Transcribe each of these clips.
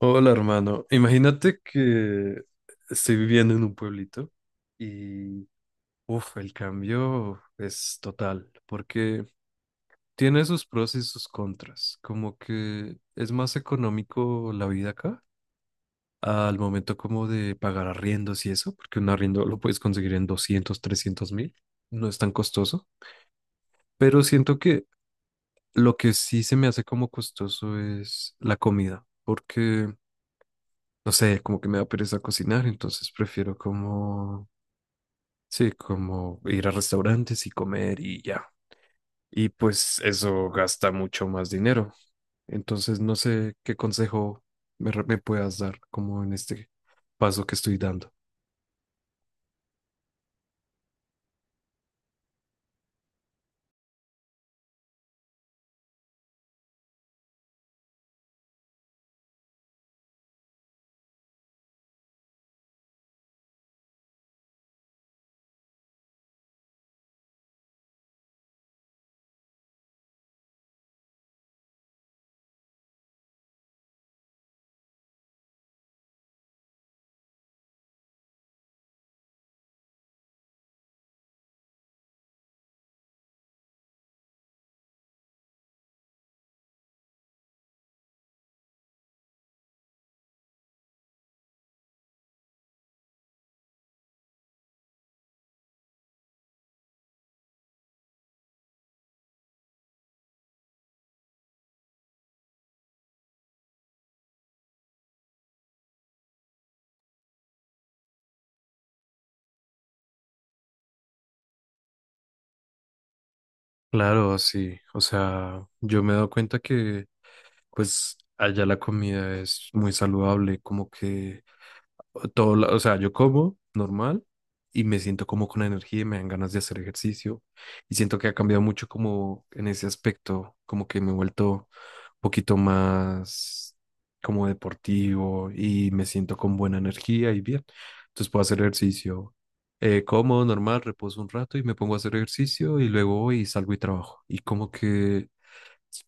Hola, hermano. Imagínate que estoy viviendo en un pueblito y, uff, el cambio es total, porque tiene sus pros y sus contras. Como que es más económico la vida acá al momento como de pagar arriendos y eso, porque un arriendo lo puedes conseguir en 200, 300 mil, no es tan costoso, pero siento que lo que sí se me hace como costoso es la comida, porque, no sé, como que me da pereza cocinar, entonces prefiero como, sí, como ir a restaurantes y comer y ya. Y pues eso gasta mucho más dinero. Entonces no sé qué consejo me puedas dar como en este paso que estoy dando. Claro, sí. O sea, yo me he dado cuenta que pues allá la comida es muy saludable, como que todo, o sea, yo como normal y me siento como con energía y me dan ganas de hacer ejercicio y siento que ha cambiado mucho como en ese aspecto, como que me he vuelto un poquito más como deportivo y me siento con buena energía y bien. Entonces puedo hacer ejercicio, como normal, reposo un rato y me pongo a hacer ejercicio y luego voy y salgo y trabajo. Y como que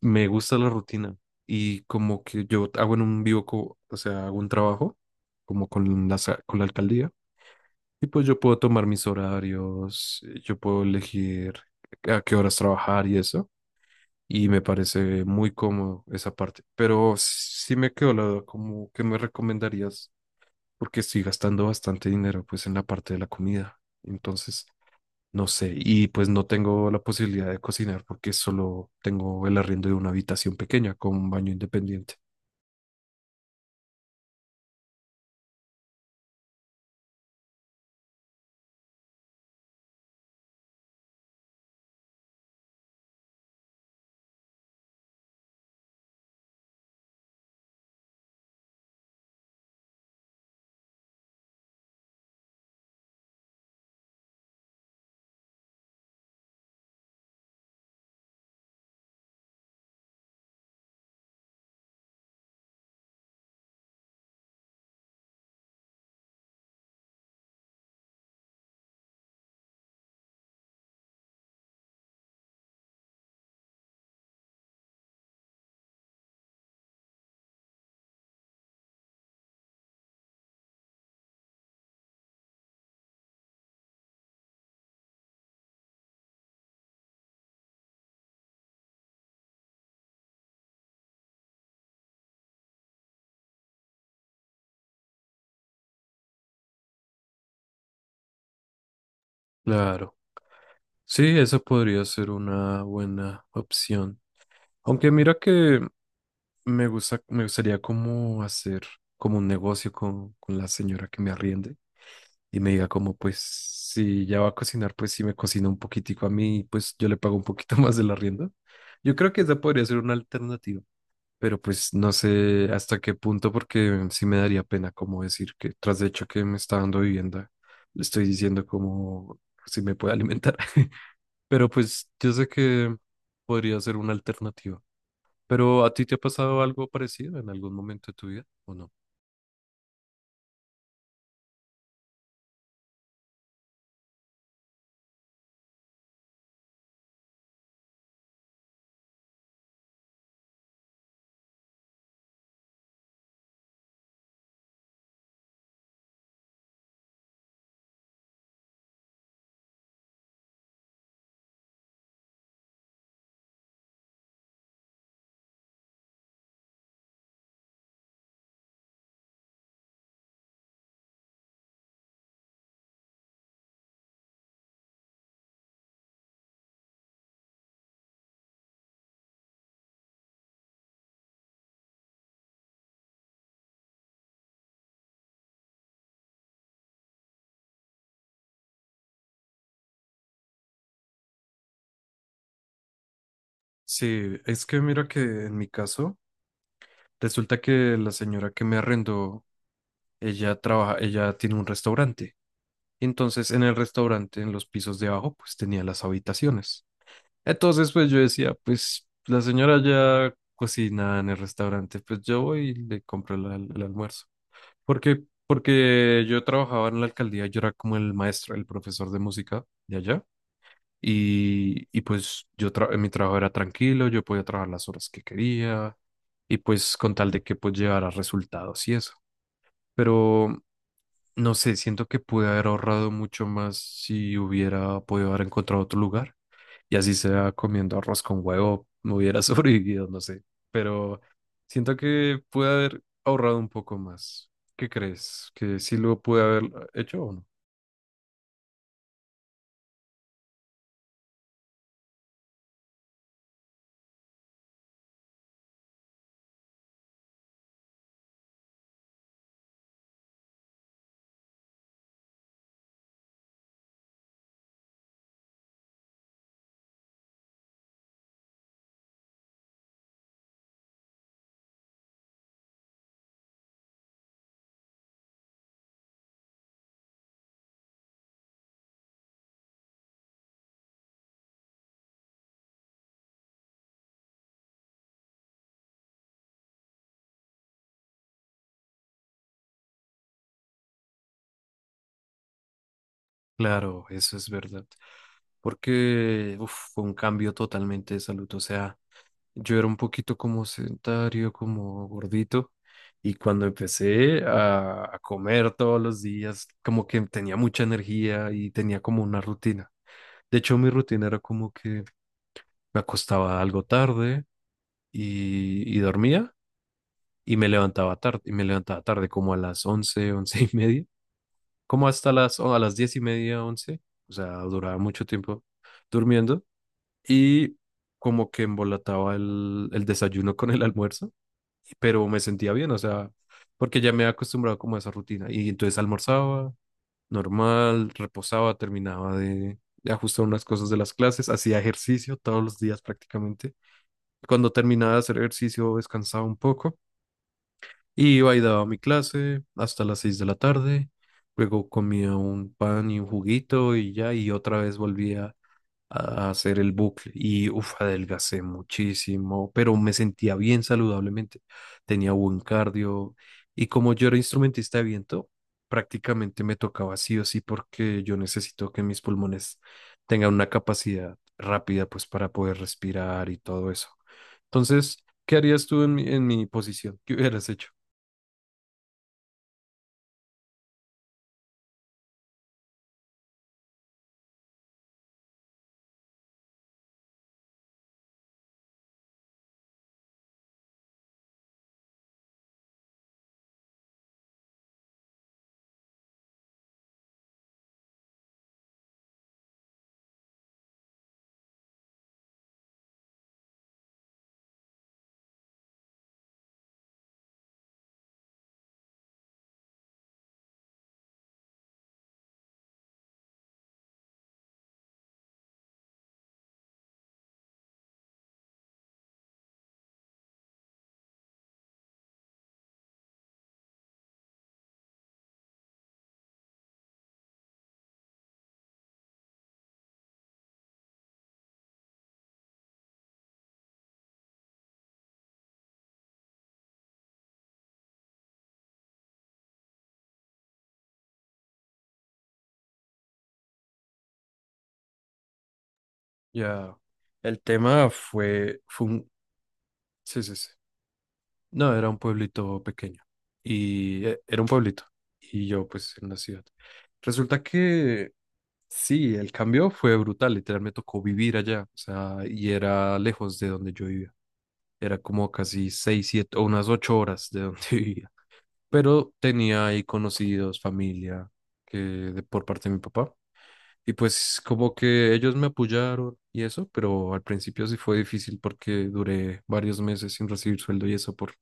me gusta la rutina y como que yo hago en un vivo, o sea, hago un trabajo como con la alcaldía y pues yo puedo tomar mis horarios, yo puedo elegir a qué horas trabajar y eso y me parece muy cómodo esa parte. Pero sí me quedó la duda, como que me recomendarías porque estoy gastando bastante dinero pues en la parte de la comida. Entonces, no sé, y pues no tengo la posibilidad de cocinar porque solo tengo el arriendo de una habitación pequeña con un baño independiente. Claro, sí, eso podría ser una buena opción. Aunque mira que me gusta, me gustaría como hacer como un negocio con la señora que me arriende y me diga como pues si ya va a cocinar, pues si me cocina un poquitico a mí, pues yo le pago un poquito más del arriendo. Yo creo que esa podría ser una alternativa. Pero pues no sé hasta qué punto, porque sí me daría pena como decir que tras de hecho que me está dando vivienda, le estoy diciendo como si me puede alimentar. Pero pues yo sé que podría ser una alternativa. ¿Pero a ti te ha pasado algo parecido en algún momento de tu vida o no? Sí, es que mira que en mi caso, resulta que la señora que me arrendó, ella trabaja, ella tiene un restaurante. Entonces, en el restaurante, en los pisos de abajo, pues tenía las habitaciones. Entonces, pues yo decía, pues la señora ya cocina en el restaurante, pues yo voy y le compro el, el almuerzo. Porque, porque yo trabajaba en la alcaldía, yo era como el maestro, el profesor de música de allá. Y pues yo mi trabajo era tranquilo, yo podía trabajar las horas que quería y pues con tal de que pues llevara resultados y eso. Pero no sé, siento que pude haber ahorrado mucho más si hubiera podido haber encontrado otro lugar. Y así sea comiendo arroz con huevo, me hubiera sobrevivido, no sé. Pero siento que pude haber ahorrado un poco más. ¿Qué crees? ¿Que sí lo pude haber hecho o no? Claro, eso es verdad. Porque uf, fue un cambio totalmente de salud. O sea, yo era un poquito como sedentario, como gordito, y cuando empecé a comer todos los días, como que tenía mucha energía y tenía como una rutina. De hecho, mi rutina era como que me acostaba algo tarde y dormía y me levantaba tarde, y me levantaba tarde como a las 11, 11:30, como hasta las, o a las 10:30, once. O sea, duraba mucho tiempo durmiendo y como que embolataba el desayuno con el almuerzo, pero me sentía bien, o sea, porque ya me había acostumbrado como a esa rutina. Y entonces almorzaba normal, reposaba, terminaba de ajustar unas cosas de las clases, hacía ejercicio todos los días prácticamente. Cuando terminaba de hacer ejercicio, descansaba un poco y iba y daba mi clase hasta las 6 de la tarde. Luego comía un pan y un juguito y ya, y otra vez volvía a hacer el bucle y uf, adelgacé muchísimo, pero me sentía bien saludablemente, tenía buen cardio y como yo era instrumentista de viento, prácticamente me tocaba sí o sí porque yo necesito que mis pulmones tengan una capacidad rápida pues para poder respirar y todo eso. Entonces, ¿qué harías tú en en mi posición? ¿Qué hubieras hecho? Ya, el tema fue un. Sí, sí, sí. No, era un pueblito pequeño y era un pueblito y yo pues en una ciudad. Resulta que sí, el cambio fue brutal, literal me tocó vivir allá, o sea, y era lejos de donde yo vivía. Era como casi 6, 7 o unas 8 horas de donde vivía. Pero tenía ahí conocidos, familia, que de, por parte de mi papá. Y pues como que ellos me apoyaron y eso, pero al principio sí fue difícil porque duré varios meses sin recibir sueldo y eso por,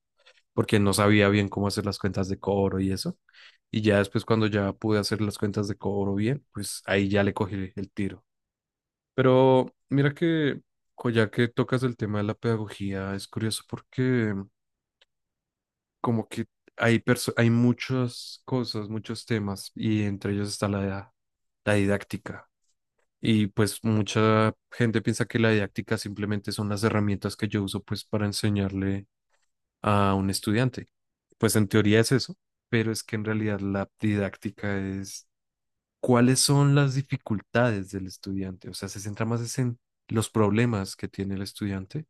porque no sabía bien cómo hacer las cuentas de cobro y eso. Y ya después cuando ya pude hacer las cuentas de cobro bien, pues ahí ya le cogí el tiro. Pero mira que, ya que tocas el tema de la pedagogía, es curioso porque como que hay muchas cosas, muchos temas y entre ellos está la didáctica. Y pues mucha gente piensa que la didáctica simplemente son las herramientas que yo uso pues para enseñarle a un estudiante. Pues en teoría es eso, pero es que en realidad la didáctica es cuáles son las dificultades del estudiante. O sea, se centra más es en los problemas que tiene el estudiante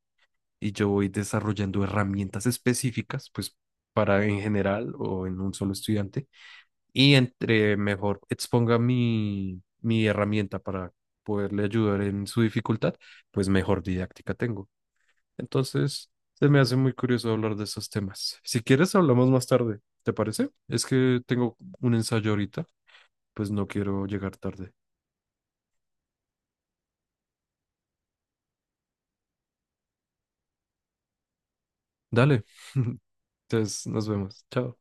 y yo voy desarrollando herramientas específicas pues para en general o en un solo estudiante y entre mejor exponga mi herramienta para poderle ayudar en su dificultad, pues mejor didáctica tengo. Entonces, se me hace muy curioso hablar de esos temas. Si quieres, hablamos más tarde, ¿te parece? Es que tengo un ensayo ahorita, pues no quiero llegar tarde. Dale, entonces nos vemos. Chao.